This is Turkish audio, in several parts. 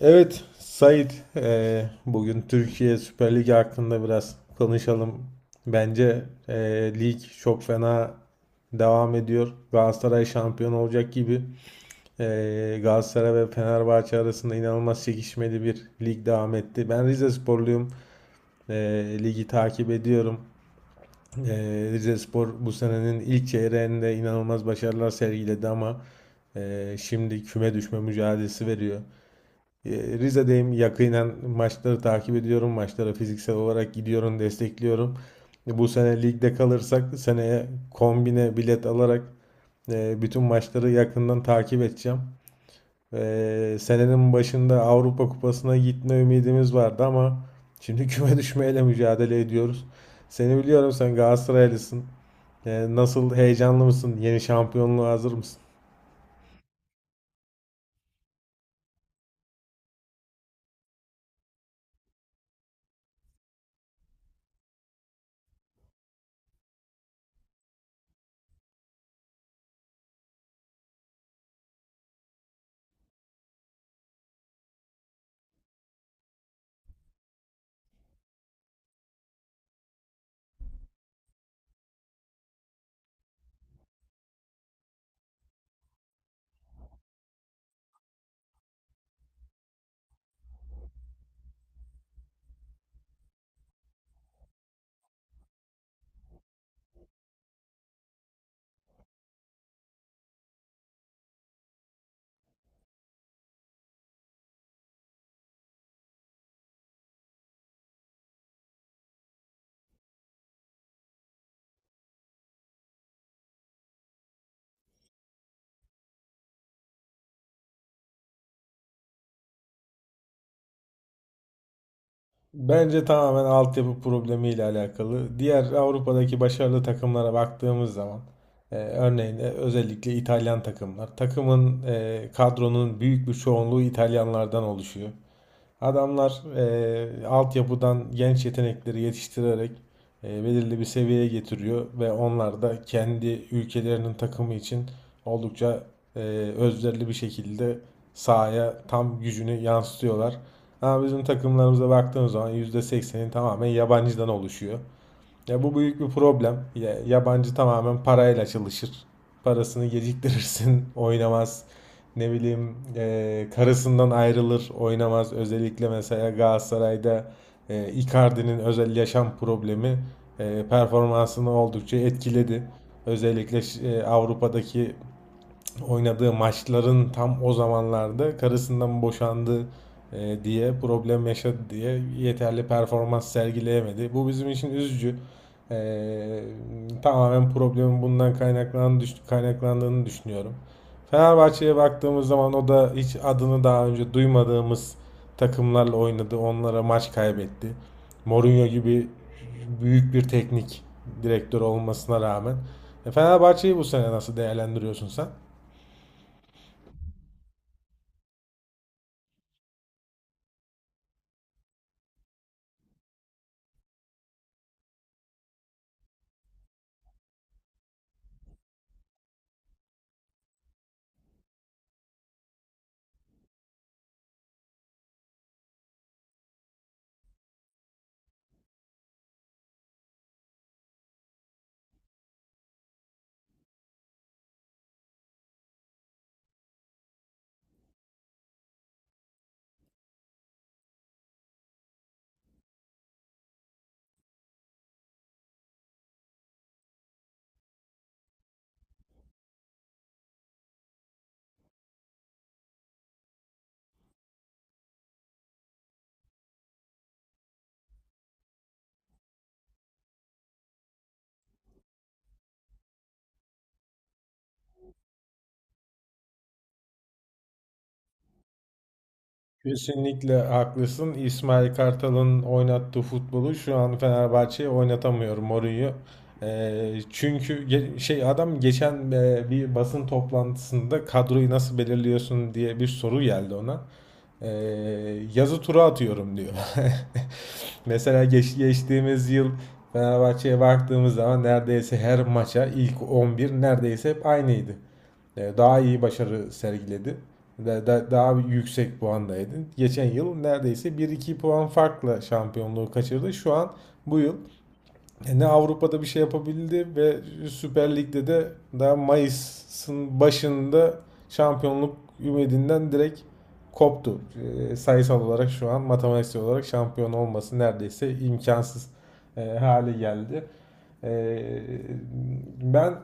Evet, Sait, bugün Türkiye Süper Ligi hakkında biraz konuşalım. Bence lig çok fena devam ediyor. Galatasaray şampiyon olacak gibi. Galatasaray ve Fenerbahçe arasında inanılmaz çekişmeli bir lig devam etti. Ben Rizesporluyum. Ligi takip ediyorum. Rizespor bu senenin ilk çeyreğinde inanılmaz başarılar sergiledi ama şimdi küme düşme mücadelesi veriyor. E, Rize'deyim. Yakinen maçları takip ediyorum. Maçlara fiziksel olarak gidiyorum, destekliyorum. Bu sene ligde kalırsak seneye kombine bilet alarak bütün maçları yakından takip edeceğim. Senenin başında Avrupa Kupası'na gitme ümidimiz vardı ama şimdi küme düşmeyle mücadele ediyoruz. Seni biliyorum, sen Galatasaraylısın. Nasıl, heyecanlı mısın? Yeni şampiyonluğa hazır mısın? Bence tamamen altyapı problemiyle alakalı. Diğer Avrupa'daki başarılı takımlara baktığımız zaman örneğin özellikle İtalyan takımlar. Takımın kadronun büyük bir çoğunluğu İtalyanlardan oluşuyor. Adamlar altyapıdan genç yetenekleri yetiştirerek belirli bir seviyeye getiriyor ve onlar da kendi ülkelerinin takımı için oldukça eee özverili bir şekilde sahaya tam gücünü yansıtıyorlar. Ama bizim takımlarımıza baktığımız zaman yüzde seksenin tamamen yabancıdan oluşuyor. Ya bu büyük bir problem. Yabancı tamamen parayla çalışır. Parasını geciktirirsin, oynamaz. Ne bileyim, karısından ayrılır, oynamaz. Özellikle mesela Galatasaray'da Icardi'nin özel yaşam problemi performansını oldukça etkiledi. Özellikle Avrupa'daki oynadığı maçların tam o zamanlarda karısından boşandı diye problem yaşadı diye yeterli performans sergileyemedi. Bu bizim için üzücü. E, tamamen problemin bundan kaynaklandığını düşünüyorum. Fenerbahçe'ye baktığımız zaman o da hiç adını daha önce duymadığımız takımlarla oynadı. Onlara maç kaybetti. Mourinho gibi büyük bir teknik direktör olmasına rağmen. Fenerbahçe'yi bu sene nasıl değerlendiriyorsun sen? Kesinlikle haklısın. İsmail Kartal'ın oynattığı futbolu şu an Fenerbahçe'ye oynatamıyor Mourinho. Çünkü adam geçen bir basın toplantısında kadroyu nasıl belirliyorsun diye bir soru geldi ona. Eee, yazı tura atıyorum diyor. Mesela geçtiğimiz yıl Fenerbahçe'ye baktığımız zaman neredeyse her maça ilk 11 neredeyse hep aynıydı. Daha iyi başarı sergiledi, daha yüksek puandaydı. Geçen yıl neredeyse bir iki puan farkla şampiyonluğu kaçırdı. Şu an, bu yıl, ne Avrupa'da bir şey yapabildi ve Süper Lig'de de daha Mayıs'ın başında şampiyonluk ümidinden direkt koptu. Sayısal olarak şu an matematiksel olarak şampiyon olması neredeyse imkansız hale geldi. Ee, ben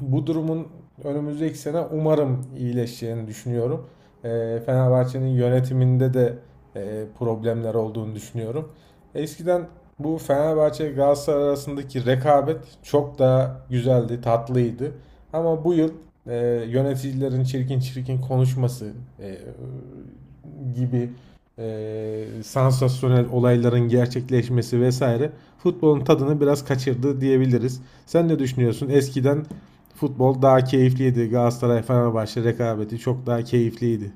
bu durumun önümüzdeki sene umarım iyileşeceğini düşünüyorum. Fenerbahçe'nin yönetiminde de problemler olduğunu düşünüyorum. Eskiden bu Fenerbahçe Galatasaray arasındaki rekabet çok daha güzeldi, tatlıydı. Ama bu yıl e, yöneticilerin çirkin çirkin konuşması e, gibi sansasyonel olayların gerçekleşmesi vesaire futbolun tadını biraz kaçırdı diyebiliriz. Sen ne düşünüyorsun? Eskiden futbol daha keyifliydi. Galatasaray Fenerbahçe rekabeti çok daha keyifliydi.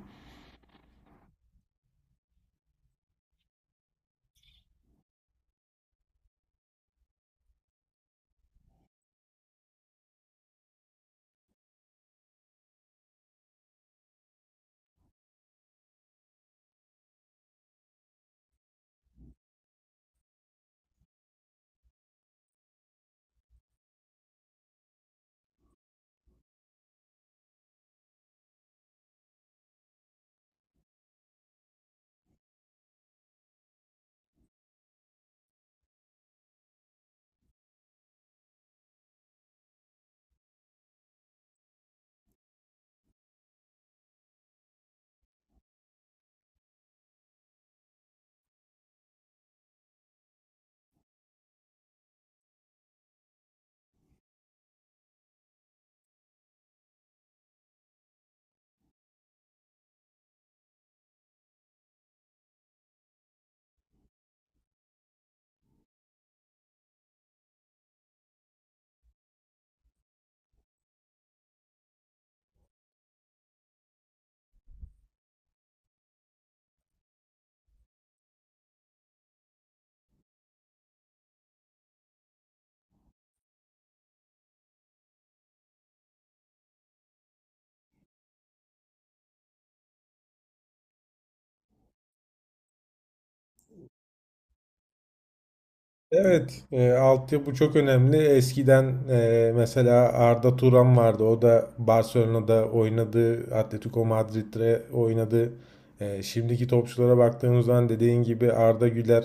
Evet, altyapı çok önemli. Eskiden mesela Arda Turan vardı. O da Barcelona'da oynadı, Atletico Madrid'de oynadı. Şimdiki topçulara baktığımız zaman dediğin gibi Arda Güler,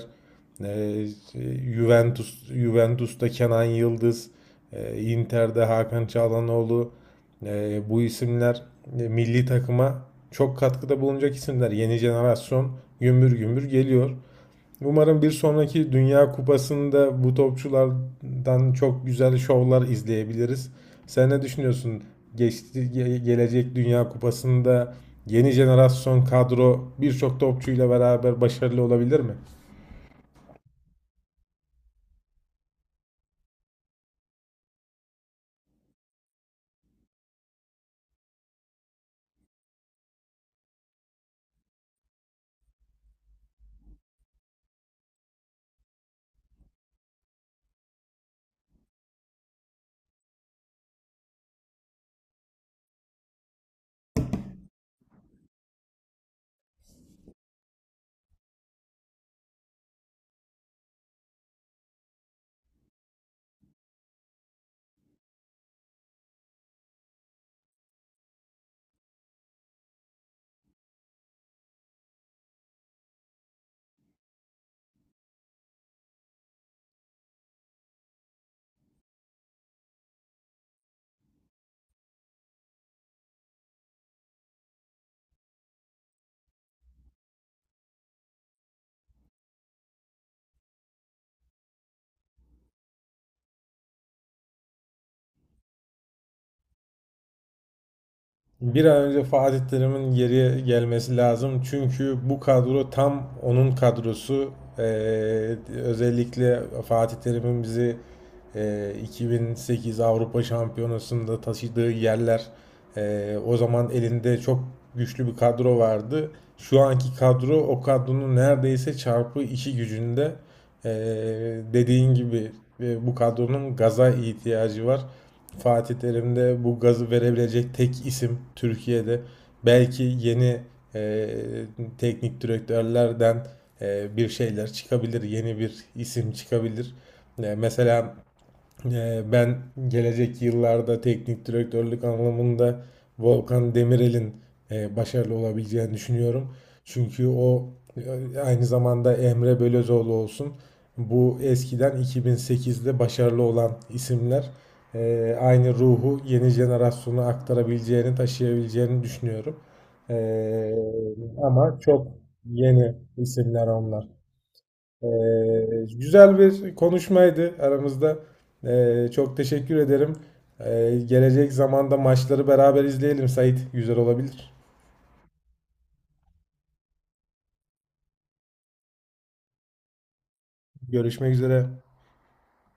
e, Juventus'ta Kenan Yıldız, Inter'de Hakan Çalhanoğlu. Bu isimler milli takıma çok katkıda bulunacak isimler. Yeni jenerasyon gümbür gümbür geliyor. Umarım bir sonraki Dünya Kupası'nda bu topçulardan çok güzel şovlar izleyebiliriz. Sen ne düşünüyorsun? Geçti, gelecek Dünya Kupası'nda yeni jenerasyon kadro birçok topçuyla beraber başarılı olabilir mi? Bir an önce Fatih Terim'in geriye gelmesi lazım. Çünkü bu kadro tam onun kadrosu. Ee, özellikle Fatih Terim'in bizi 2008 Avrupa Şampiyonası'nda taşıdığı yerler. O zaman elinde çok güçlü bir kadro vardı. Şu anki kadro o kadronun neredeyse çarpı iki gücünde. Ee, dediğin gibi bu kadronun gaza ihtiyacı var. Fatih Terim'de bu gazı verebilecek tek isim Türkiye'de. Belki yeni e, teknik direktörlerden bir şeyler çıkabilir, yeni bir isim çıkabilir. E, mesela Ben gelecek yıllarda teknik direktörlük anlamında Volkan Demirel'in başarılı olabileceğini düşünüyorum. Çünkü o aynı zamanda Emre Belözoğlu olsun. Bu eskiden 2008'de başarılı olan isimler aynı ruhu yeni jenerasyona taşıyabileceğini düşünüyorum. E, ama çok yeni isimler onlar. Ee, güzel bir konuşmaydı aramızda. Çok teşekkür ederim. Gelecek zamanda maçları beraber izleyelim Sait. Güzel olabilir. Görüşmek üzere.